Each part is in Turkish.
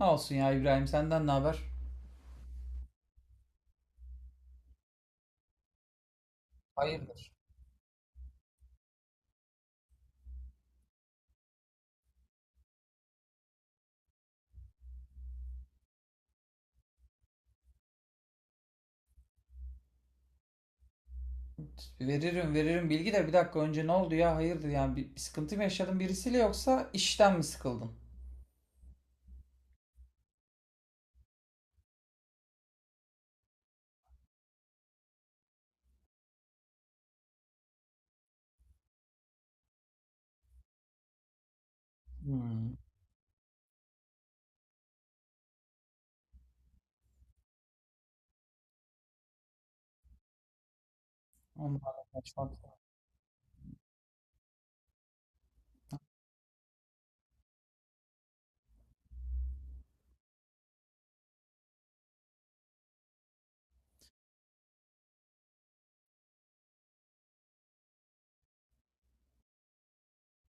Ne olsun ya İbrahim, senden ne haber? Hayırdır? Veririm bilgi de, bir dakika önce ne oldu ya, hayırdır yani bir sıkıntı mı yaşadın birisiyle yoksa işten mi sıkıldın? Hmm. Onlarla konuşmak.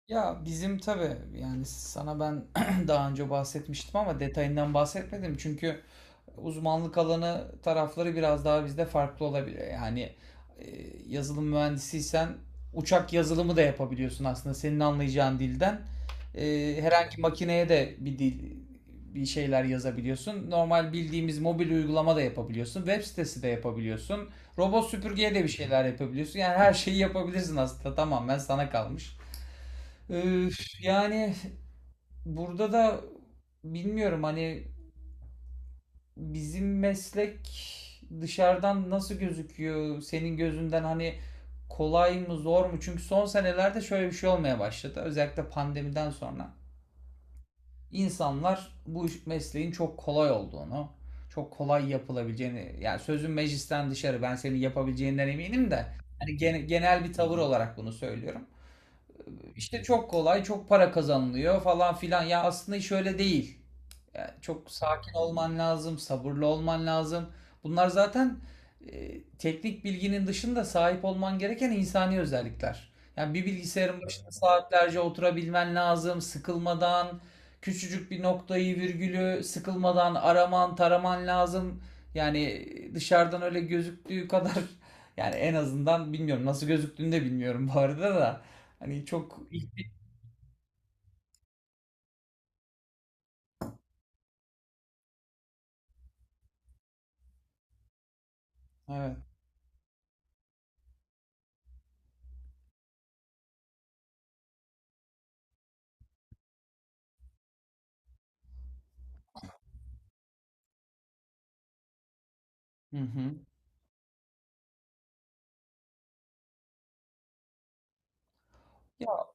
Ya bizim tabii yani sana ben daha önce bahsetmiştim ama detayından bahsetmedim çünkü uzmanlık alanı tarafları biraz daha bizde farklı olabilir. Yani e, yazılım mühendisiysen uçak yazılımı da yapabiliyorsun, aslında senin anlayacağın dilden. Herhangi makineye de bir dil, bir şeyler yazabiliyorsun. Normal bildiğimiz mobil uygulama da yapabiliyorsun. Web sitesi de yapabiliyorsun. Robot süpürgeye de bir şeyler yapabiliyorsun. Yani her şeyi yapabilirsin aslında, tamamen sana kalmış. Ee, yani burada da bilmiyorum, hani bizim meslek dışarıdan nasıl gözüküyor senin gözünden, hani kolay mı zor mu? Çünkü son senelerde şöyle bir şey olmaya başladı. Özellikle pandemiden sonra insanlar bu mesleğin çok kolay olduğunu, çok kolay yapılabileceğini, yani sözün meclisten dışarı, ben senin yapabileceğinden eminim de, hani genel bir tavır olarak bunu söylüyorum, işte çok kolay, çok para kazanılıyor falan filan. Ya aslında iş öyle değil. Yani çok sakin olman lazım, sabırlı olman lazım. Bunlar zaten teknik bilginin dışında sahip olman gereken insani özellikler. Yani bir bilgisayarın başında saatlerce oturabilmen lazım, sıkılmadan, küçücük bir noktayı, virgülü sıkılmadan araman, taraman lazım. Yani dışarıdan öyle gözüktüğü kadar yani en azından bilmiyorum, nasıl gözüktüğünü de bilmiyorum bu arada da. Hani çok, evet. Hı hı. Ya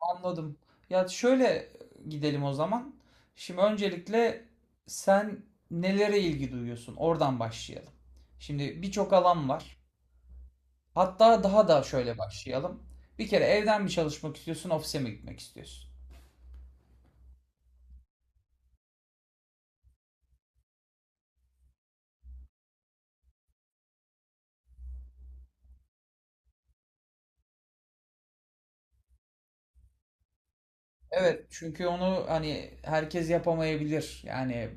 anladım. Ya şöyle gidelim o zaman. Şimdi öncelikle sen nelere ilgi duyuyorsun? Oradan başlayalım. Şimdi birçok alan var. Hatta daha da şöyle başlayalım. Bir kere evden mi çalışmak istiyorsun, ofise mi gitmek istiyorsun? Evet, çünkü onu hani herkes yapamayabilir. Yani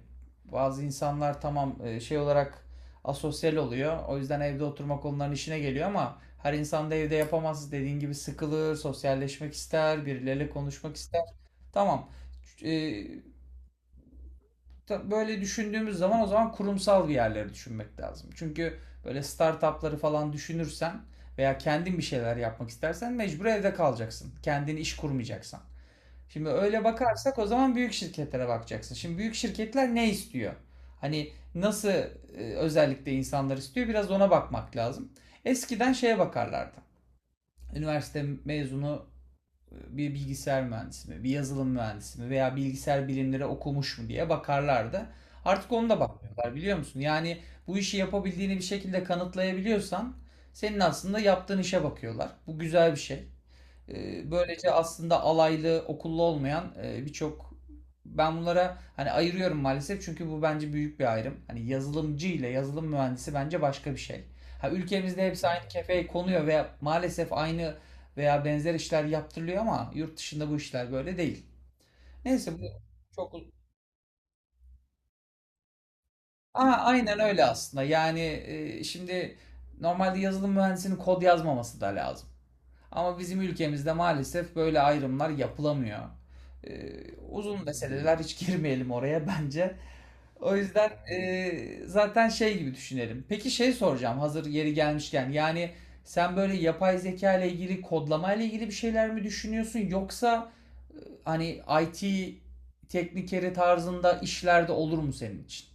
bazı insanlar tamam, şey olarak asosyal oluyor. O yüzden evde oturmak onların işine geliyor, ama her insan da evde yapamaz. Dediğin gibi sıkılır, sosyalleşmek ister, birileriyle konuşmak ister. Tamam. E, böyle düşündüğümüz zaman, o zaman kurumsal bir yerleri düşünmek lazım. Çünkü böyle startupları falan düşünürsen, veya kendin bir şeyler yapmak istersen, mecbur evde kalacaksın. Kendin iş kurmayacaksan. Şimdi öyle bakarsak, o zaman büyük şirketlere bakacaksın. Şimdi büyük şirketler ne istiyor? Hani nasıl özellikle insanlar istiyor? Biraz ona bakmak lazım. Eskiden şeye bakarlardı. Üniversite mezunu bir bilgisayar mühendisi mi, bir yazılım mühendisi mi, veya bilgisayar bilimleri okumuş mu diye bakarlardı. Artık onu da bakmıyorlar biliyor musun? Yani bu işi yapabildiğini bir şekilde kanıtlayabiliyorsan, senin aslında yaptığın işe bakıyorlar. Bu güzel bir şey. Böylece aslında alaylı, okullu olmayan birçok, ben bunlara hani ayırıyorum maalesef, çünkü bu bence büyük bir ayrım. Hani yazılımcı ile yazılım mühendisi bence başka bir şey. Ha, ülkemizde hepsi aynı kefeye konuyor ve maalesef aynı veya benzer işler yaptırılıyor, ama yurt dışında bu işler böyle değil. Neyse, bu çok. Aa, aynen öyle aslında. Yani şimdi normalde yazılım mühendisinin kod yazmaması da lazım. Ama bizim ülkemizde maalesef böyle ayrımlar yapılamıyor. Ee, uzun meseleler, hiç girmeyelim oraya bence. O yüzden zaten şey gibi düşünelim. Peki şey soracağım hazır yeri gelmişken. Yani sen böyle yapay zeka ile ilgili, kodlama ile ilgili bir şeyler mi düşünüyorsun, yoksa e, hani IT teknikeri tarzında işlerde olur mu senin için?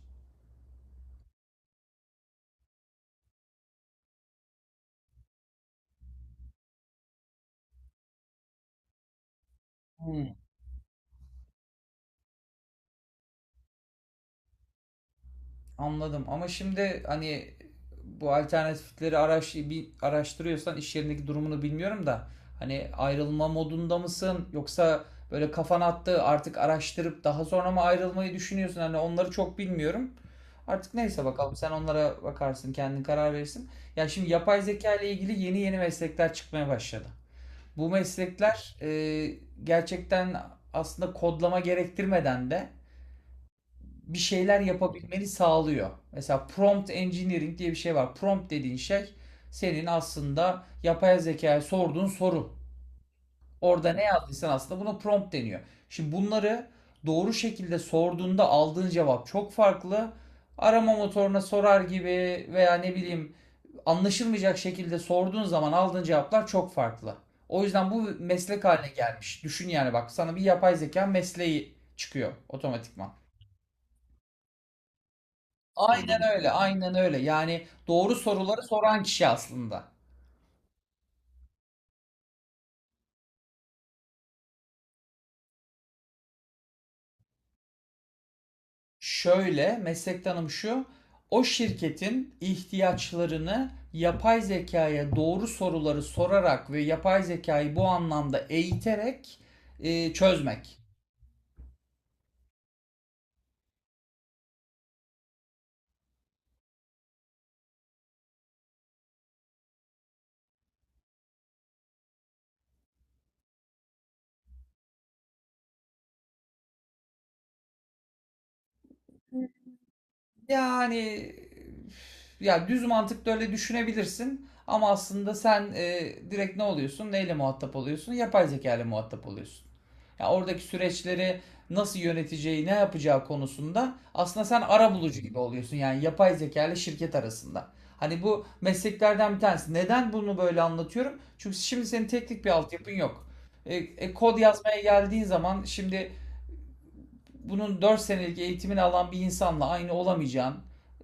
Hmm. Anladım, ama şimdi hani bu alternatifleri bir araştırıyorsan, iş yerindeki durumunu bilmiyorum da, hani ayrılma modunda mısın, yoksa böyle kafan attı artık, araştırıp daha sonra mı ayrılmayı düşünüyorsun, hani onları çok bilmiyorum. Artık neyse, bakalım, sen onlara bakarsın, kendin karar verirsin. Ya şimdi yapay zeka ile ilgili yeni yeni meslekler çıkmaya başladı. Bu meslekler gerçekten aslında kodlama gerektirmeden de bir şeyler yapabilmeni sağlıyor. Mesela prompt engineering diye bir şey var. Prompt dediğin şey senin aslında yapay zekaya sorduğun soru. Orada ne yazdıysan aslında buna prompt deniyor. Şimdi bunları doğru şekilde sorduğunda aldığın cevap çok farklı. Arama motoruna sorar gibi, veya ne bileyim, anlaşılmayacak şekilde sorduğun zaman aldığın cevaplar çok farklı. O yüzden bu meslek haline gelmiş. Düşün yani, bak sana bir yapay zeka mesleği çıkıyor otomatikman. Aynen öyle, aynen öyle. Yani doğru soruları soran kişi aslında. Şöyle, meslektanım şu: o şirketin ihtiyaçlarını yapay zekaya doğru soruları sorarak ve yapay zekayı bu anlamda eğiterek çözmek. Yani ya düz mantıkla öyle düşünebilirsin, ama aslında sen direkt ne oluyorsun? Neyle muhatap oluyorsun? Yapay zeka ile muhatap oluyorsun. Ya oradaki süreçleri nasıl yöneteceği, ne yapacağı konusunda aslında sen arabulucu gibi oluyorsun. Yani yapay zeka ile şirket arasında. Hani bu mesleklerden bir tanesi. Neden bunu böyle anlatıyorum? Çünkü şimdi senin teknik bir altyapın yok. Kod yazmaya geldiğin zaman, şimdi bunun 4 senelik eğitimini alan bir insanla aynı olamayacağın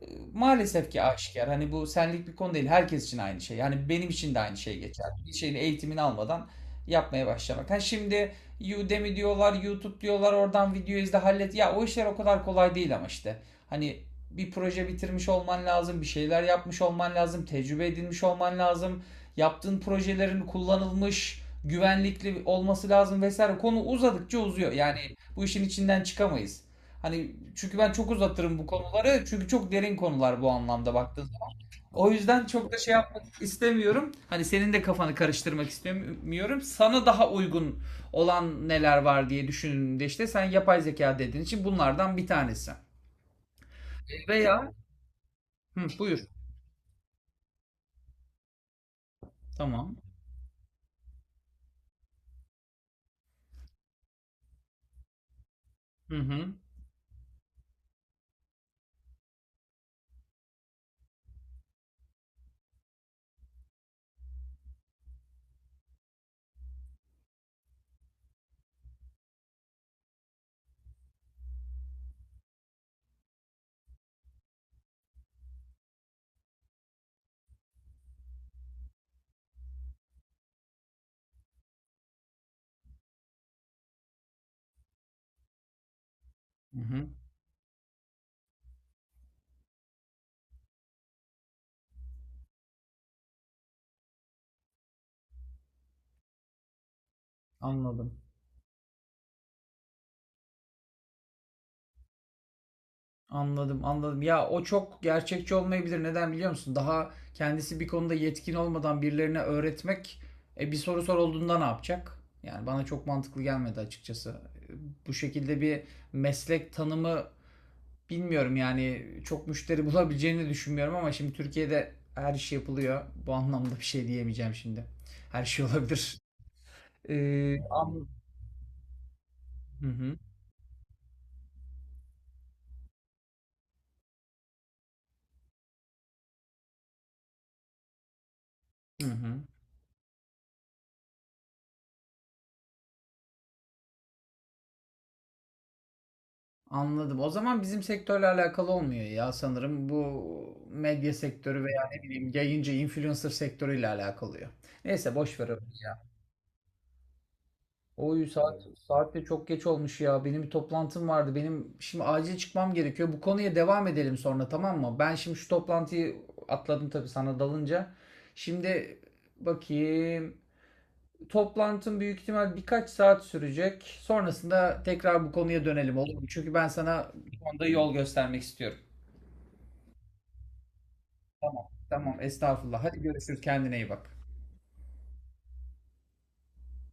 e, maalesef ki aşikar. Hani bu senlik bir konu değil. Herkes için aynı şey. Yani benim için de aynı şey geçer. Bir şeyin eğitimini almadan yapmaya başlamak. Ha şimdi, Udemy diyorlar, YouTube diyorlar, oradan video izle hallet. Ya o işler o kadar kolay değil, ama işte. Hani bir proje bitirmiş olman lazım, bir şeyler yapmış olman lazım, tecrübe edinmiş olman lazım. Yaptığın projelerin kullanılmış, güvenlikli olması lazım vesaire. Konu uzadıkça uzuyor. Yani bu işin içinden çıkamayız. Hani çünkü ben çok uzatırım bu konuları. Çünkü çok derin konular bu anlamda baktığın zaman. O yüzden çok da şey yapmak istemiyorum. Hani senin de kafanı karıştırmak istemiyorum. Sana daha uygun olan neler var diye düşündüğümde, işte sen yapay zeka dediğin için, bunlardan bir tanesi. Veya, hı, buyur. Tamam. Hı hı. Hı hı. Anladım. Anladım, anladım. Ya o çok gerçekçi olmayabilir. Neden biliyor musun? Daha kendisi bir konuda yetkin olmadan birilerine öğretmek, bir soru sorulduğunda ne yapacak? Yani bana çok mantıklı gelmedi açıkçası. E, Bu şekilde bir meslek tanımı bilmiyorum, yani çok müşteri bulabileceğini düşünmüyorum, ama şimdi Türkiye'de her iş yapılıyor. Bu anlamda bir şey diyemeyeceğim şimdi. Her şey olabilir. E, an- Hı hı, hı hı. Anladım. O zaman bizim sektörle alakalı olmuyor ya sanırım. Bu medya sektörü, veya ne bileyim, yayıncı influencer sektörüyle alakalı. Neyse, boş ver onu. Oy saat, aynen, saat de çok geç olmuş ya. Benim bir toplantım vardı. Benim şimdi acil çıkmam gerekiyor. Bu konuya devam edelim sonra, tamam mı? Ben şimdi şu toplantıyı atladım tabii sana dalınca. Şimdi bakayım. Toplantım büyük ihtimal birkaç saat sürecek. Sonrasında tekrar bu konuya dönelim, olur mu? Çünkü ben sana bu konuda yol göstermek istiyorum. Tamam. Tamam. Estağfurullah. Hadi görüşürüz. Kendine iyi bak.